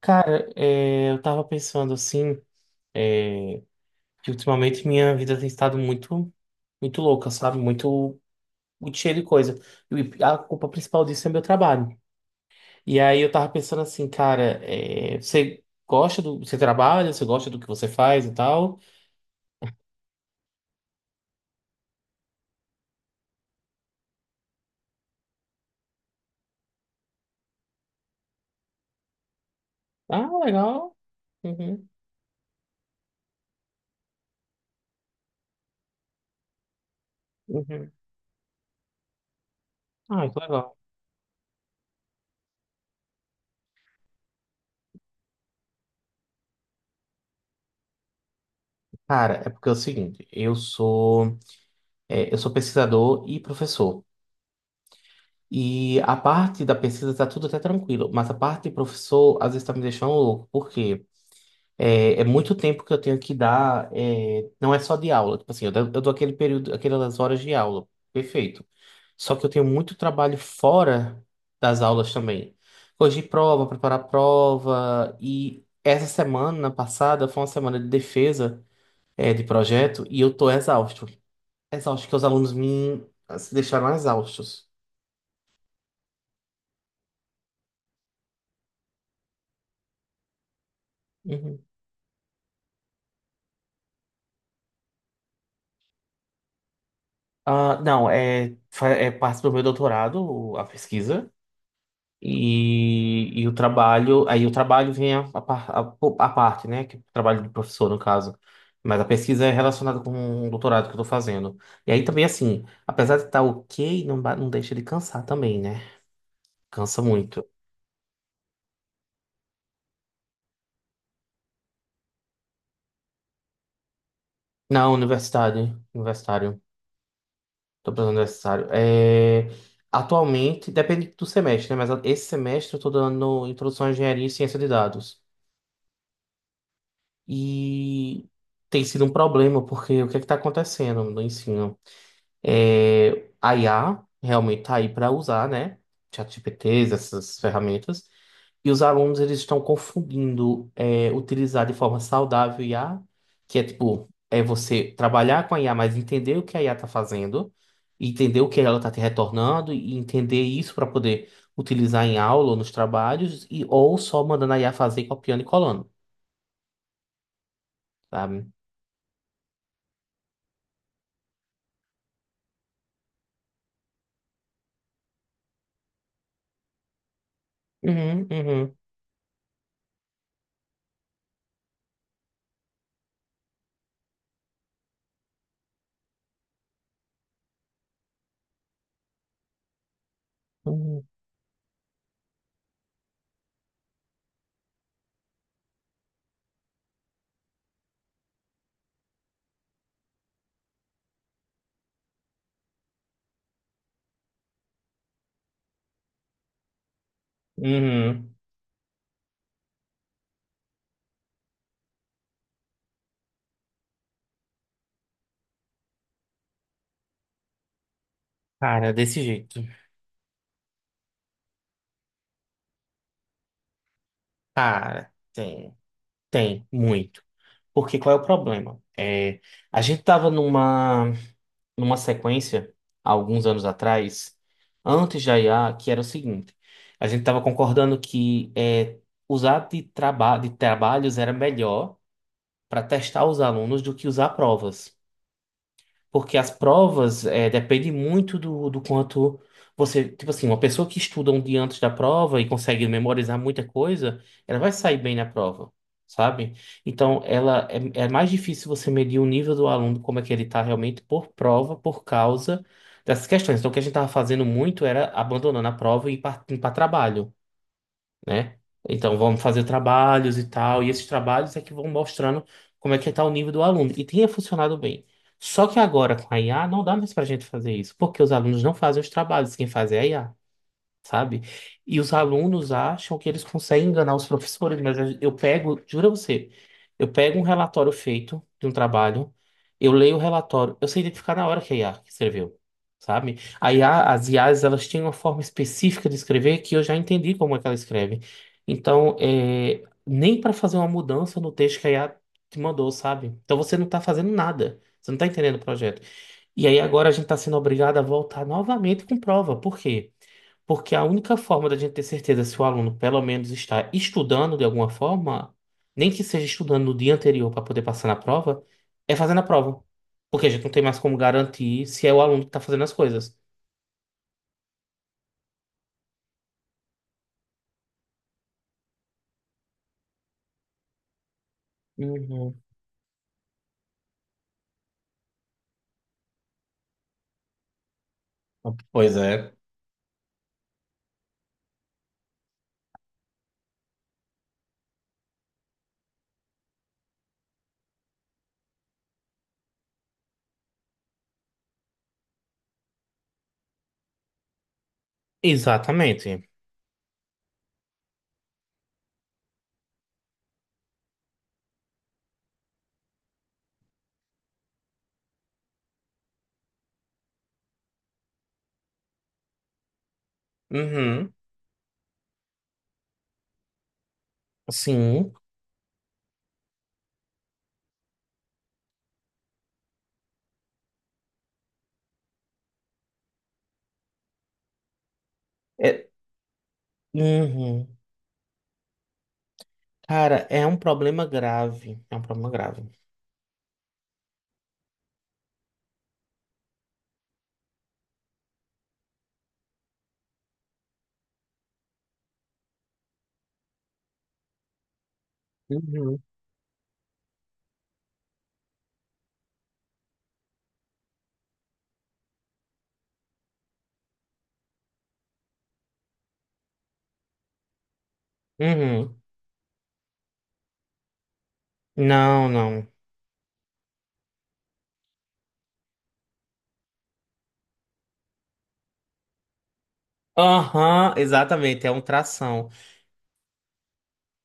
Cara, eu tava pensando assim, é, que ultimamente minha vida tem estado muito, muito louca, sabe? Muito, muito cheia de coisa. E a culpa principal disso é meu trabalho. E aí eu tava pensando assim, cara, você trabalha, você gosta do que você faz e tal? Ah, legal. Uhum, uhum. Ah, que legal. Cara, é porque é o seguinte, eu sou pesquisador e professor. E a parte da pesquisa tá tudo até tranquilo, mas a parte de professor às vezes tá me deixando louco, porque é muito tempo que eu tenho que dar, não é só de aula, tipo assim, eu dou aquele período, aquelas horas de aula, perfeito. Só que eu tenho muito trabalho fora das aulas também. Corrigir prova, preparar prova, e essa semana passada foi uma semana de defesa, de projeto, e eu tô exausto. Exausto, que os alunos me assim, deixaram exaustos. Uhum. Ah, não, é parte do meu doutorado, a pesquisa, e o trabalho, aí o trabalho vem a parte, né, que é o trabalho de professor, no caso, mas a pesquisa é relacionada com o doutorado que eu tô fazendo. E aí também, assim, apesar de estar ok, não deixa de cansar também, né? Cansa muito. Não, universitário, universitário, tô pensando universitário. Atualmente, depende do semestre, né, mas esse semestre eu tô dando introdução à engenharia e ciência de dados. E tem sido um problema, porque o que é que está acontecendo no ensino? A IA realmente está aí para usar, né? ChatGPTs, essas ferramentas. E os alunos eles estão confundindo utilizar de forma saudável I a que é tipo, você trabalhar com a IA, mas entender o que a IA está fazendo, entender o que ela está te retornando e entender isso para poder utilizar em aula ou nos trabalhos, ou só mandando a IA fazer copiando e colando, sabe? Uhum, uhum, uhum, uhum. Cara, desse jeito. Cara, tem, muito. Porque qual é o problema? A gente tava numa sequência, há alguns anos atrás, antes da IA, que era o seguinte. A gente tava concordando que usar de trabalhos era melhor para testar os alunos do que usar provas. Porque as provas dependem muito do quanto você. Tipo assim, uma pessoa que estuda um dia antes da prova e consegue memorizar muita coisa, ela vai sair bem na prova, sabe? Então, ela é mais difícil você medir o nível do aluno, como é que ele está realmente por prova, por causa dessas questões. Então, o que a gente estava fazendo muito era abandonando a prova e ir para trabalho, né? Então vamos fazer trabalhos e tal, e esses trabalhos é que vão mostrando como é que está o nível do aluno. E tinha funcionado bem. Só que agora com a IA não dá mais para a gente fazer isso, porque os alunos não fazem os trabalhos, quem faz é a IA, sabe? E os alunos acham que eles conseguem enganar os professores, mas eu pego, jura você, eu pego um relatório feito de um trabalho, eu leio o relatório, eu sei identificar na hora que a IA que escreveu, sabe? A IA, as IAs, elas têm uma forma específica de escrever que eu já entendi como é que ela escreve. Então, nem para fazer uma mudança no texto que a IA te mandou, sabe? Então você não tá fazendo nada. Você não tá entendendo o projeto. E aí agora a gente está sendo obrigado a voltar novamente com prova. Por quê? Porque a única forma da gente ter certeza se o aluno pelo menos está estudando de alguma forma, nem que seja estudando no dia anterior para poder passar na prova, é fazendo a prova. Porque a gente não tem mais como garantir se é o aluno que está fazendo as coisas. Uhum. Pois é. Exatamente. Uhum. Sim. É. Uhum. Cara, é um problema grave. É um problema grave. Uhum. Uhum. Não, não. Aham, exatamente. É um tração.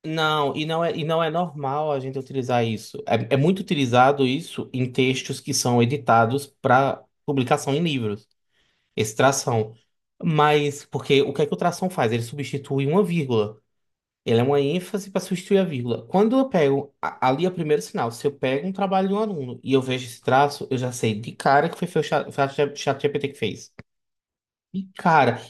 Não, e não é normal a gente utilizar isso. É, é muito utilizado isso em textos que são editados para publicação em livros, esse tração. Mas, porque o que é que o tração faz? Ele substitui uma vírgula. Ele é uma ênfase para substituir a vírgula. Quando eu pego, ali é o primeiro sinal, se eu pego um trabalho de um aluno e eu vejo esse traço, eu já sei de cara que foi o ChatGPT que fez. De cara.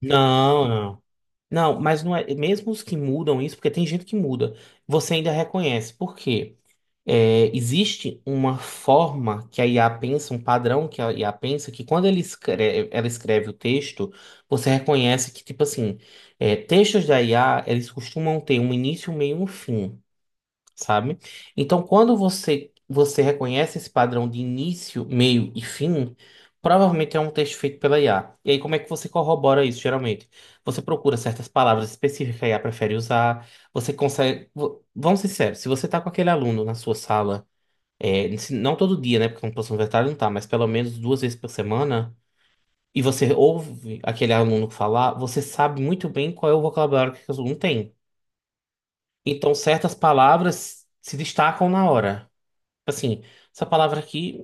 Não, não. Não, mas não é. Mesmo os que mudam isso, porque tem gente que muda, você ainda reconhece. Por quê? É, existe uma forma que a IA pensa, um padrão que a IA pensa, que quando ele escreve, ela escreve o texto, você reconhece que, tipo assim, textos da IA, eles costumam ter um início, um meio e um fim, sabe? Então, quando você reconhece esse padrão de início, meio e fim, provavelmente é um texto feito pela IA. E aí, como é que você corrobora isso, geralmente? Você procura certas palavras específicas que a IA prefere usar, você consegue... Vamos ser sérios, se você está com aquele aluno na sua sala, não todo dia, né, porque uma professor universitário não tá, mas pelo menos duas vezes por semana... E você ouve aquele aluno falar, você sabe muito bem qual é o vocabulário que aquele aluno tem. Então, certas palavras se destacam na hora. Assim, essa palavra aqui,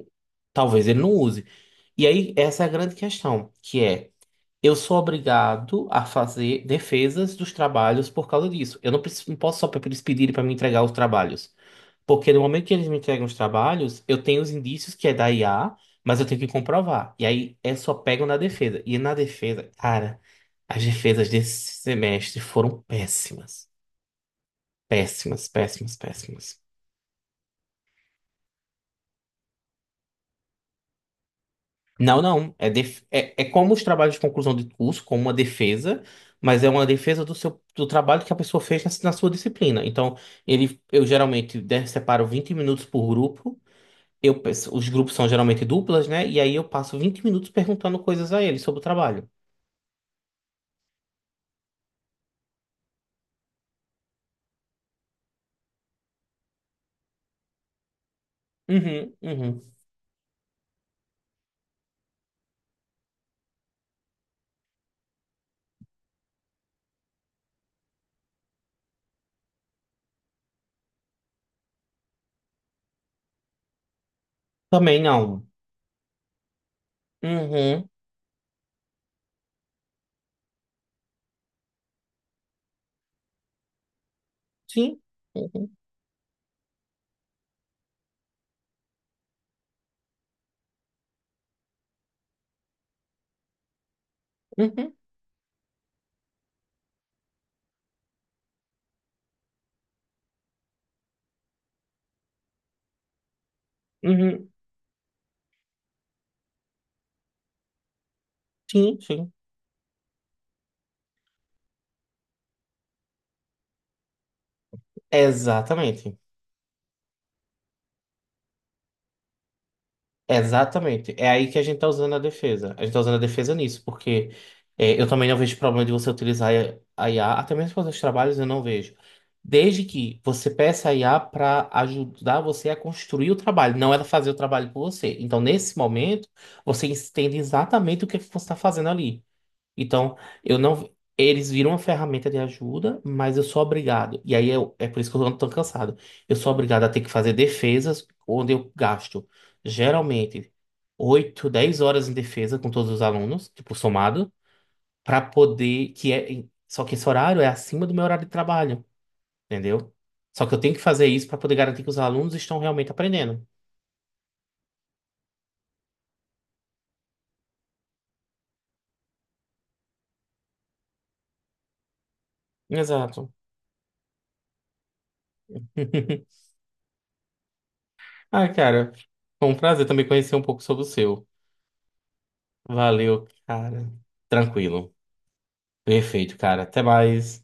talvez ele não use. E aí, essa é a grande questão, que é, eu sou obrigado a fazer defesas dos trabalhos por causa disso. Eu não, preciso, não posso só para eles pedirem para me entregar os trabalhos. Porque no momento que eles me entregam os trabalhos, eu tenho os indícios que é da IA, mas eu tenho que comprovar. E aí, é só pego na defesa. E na defesa, cara, as defesas desse semestre foram péssimas. Péssimas, péssimas, péssimas. Não, não. É como os trabalhos de conclusão de curso, como uma defesa, mas é uma defesa do seu do trabalho que a pessoa fez na sua disciplina. Então, ele, eu geralmente separo 20 minutos por grupo. Os grupos são geralmente duplas, né? E aí eu passo 20 minutos perguntando coisas a ele sobre o trabalho. Uhum, uhum. Também não. Uhum, sim. Uhum, uhum, uhum, sim, sim. Exatamente. Exatamente. É aí que a gente tá usando a defesa. A gente tá usando a defesa nisso, porque eu também não vejo problema de você utilizar a IA, até mesmo para os trabalhos eu não vejo. Desde que você peça a IA para ajudar você a construir o trabalho, não ela fazer o trabalho por você. Então, nesse momento, você entende exatamente o que é que você está fazendo ali. Então, eu não. Eles viram uma ferramenta de ajuda, mas eu sou obrigado. E aí eu, é por isso que eu ando tão cansado. Eu sou obrigado a ter que fazer defesas onde eu gasto geralmente 8, 10 horas em defesa com todos os alunos, tipo, somado, para poder. Que é, só que esse horário é acima do meu horário de trabalho, entendeu? Só que eu tenho que fazer isso para poder garantir que os alunos estão realmente aprendendo. Exato. Ah, cara, foi um prazer também conhecer um pouco sobre o seu. Valeu, cara. Tranquilo. Perfeito, cara. Até mais.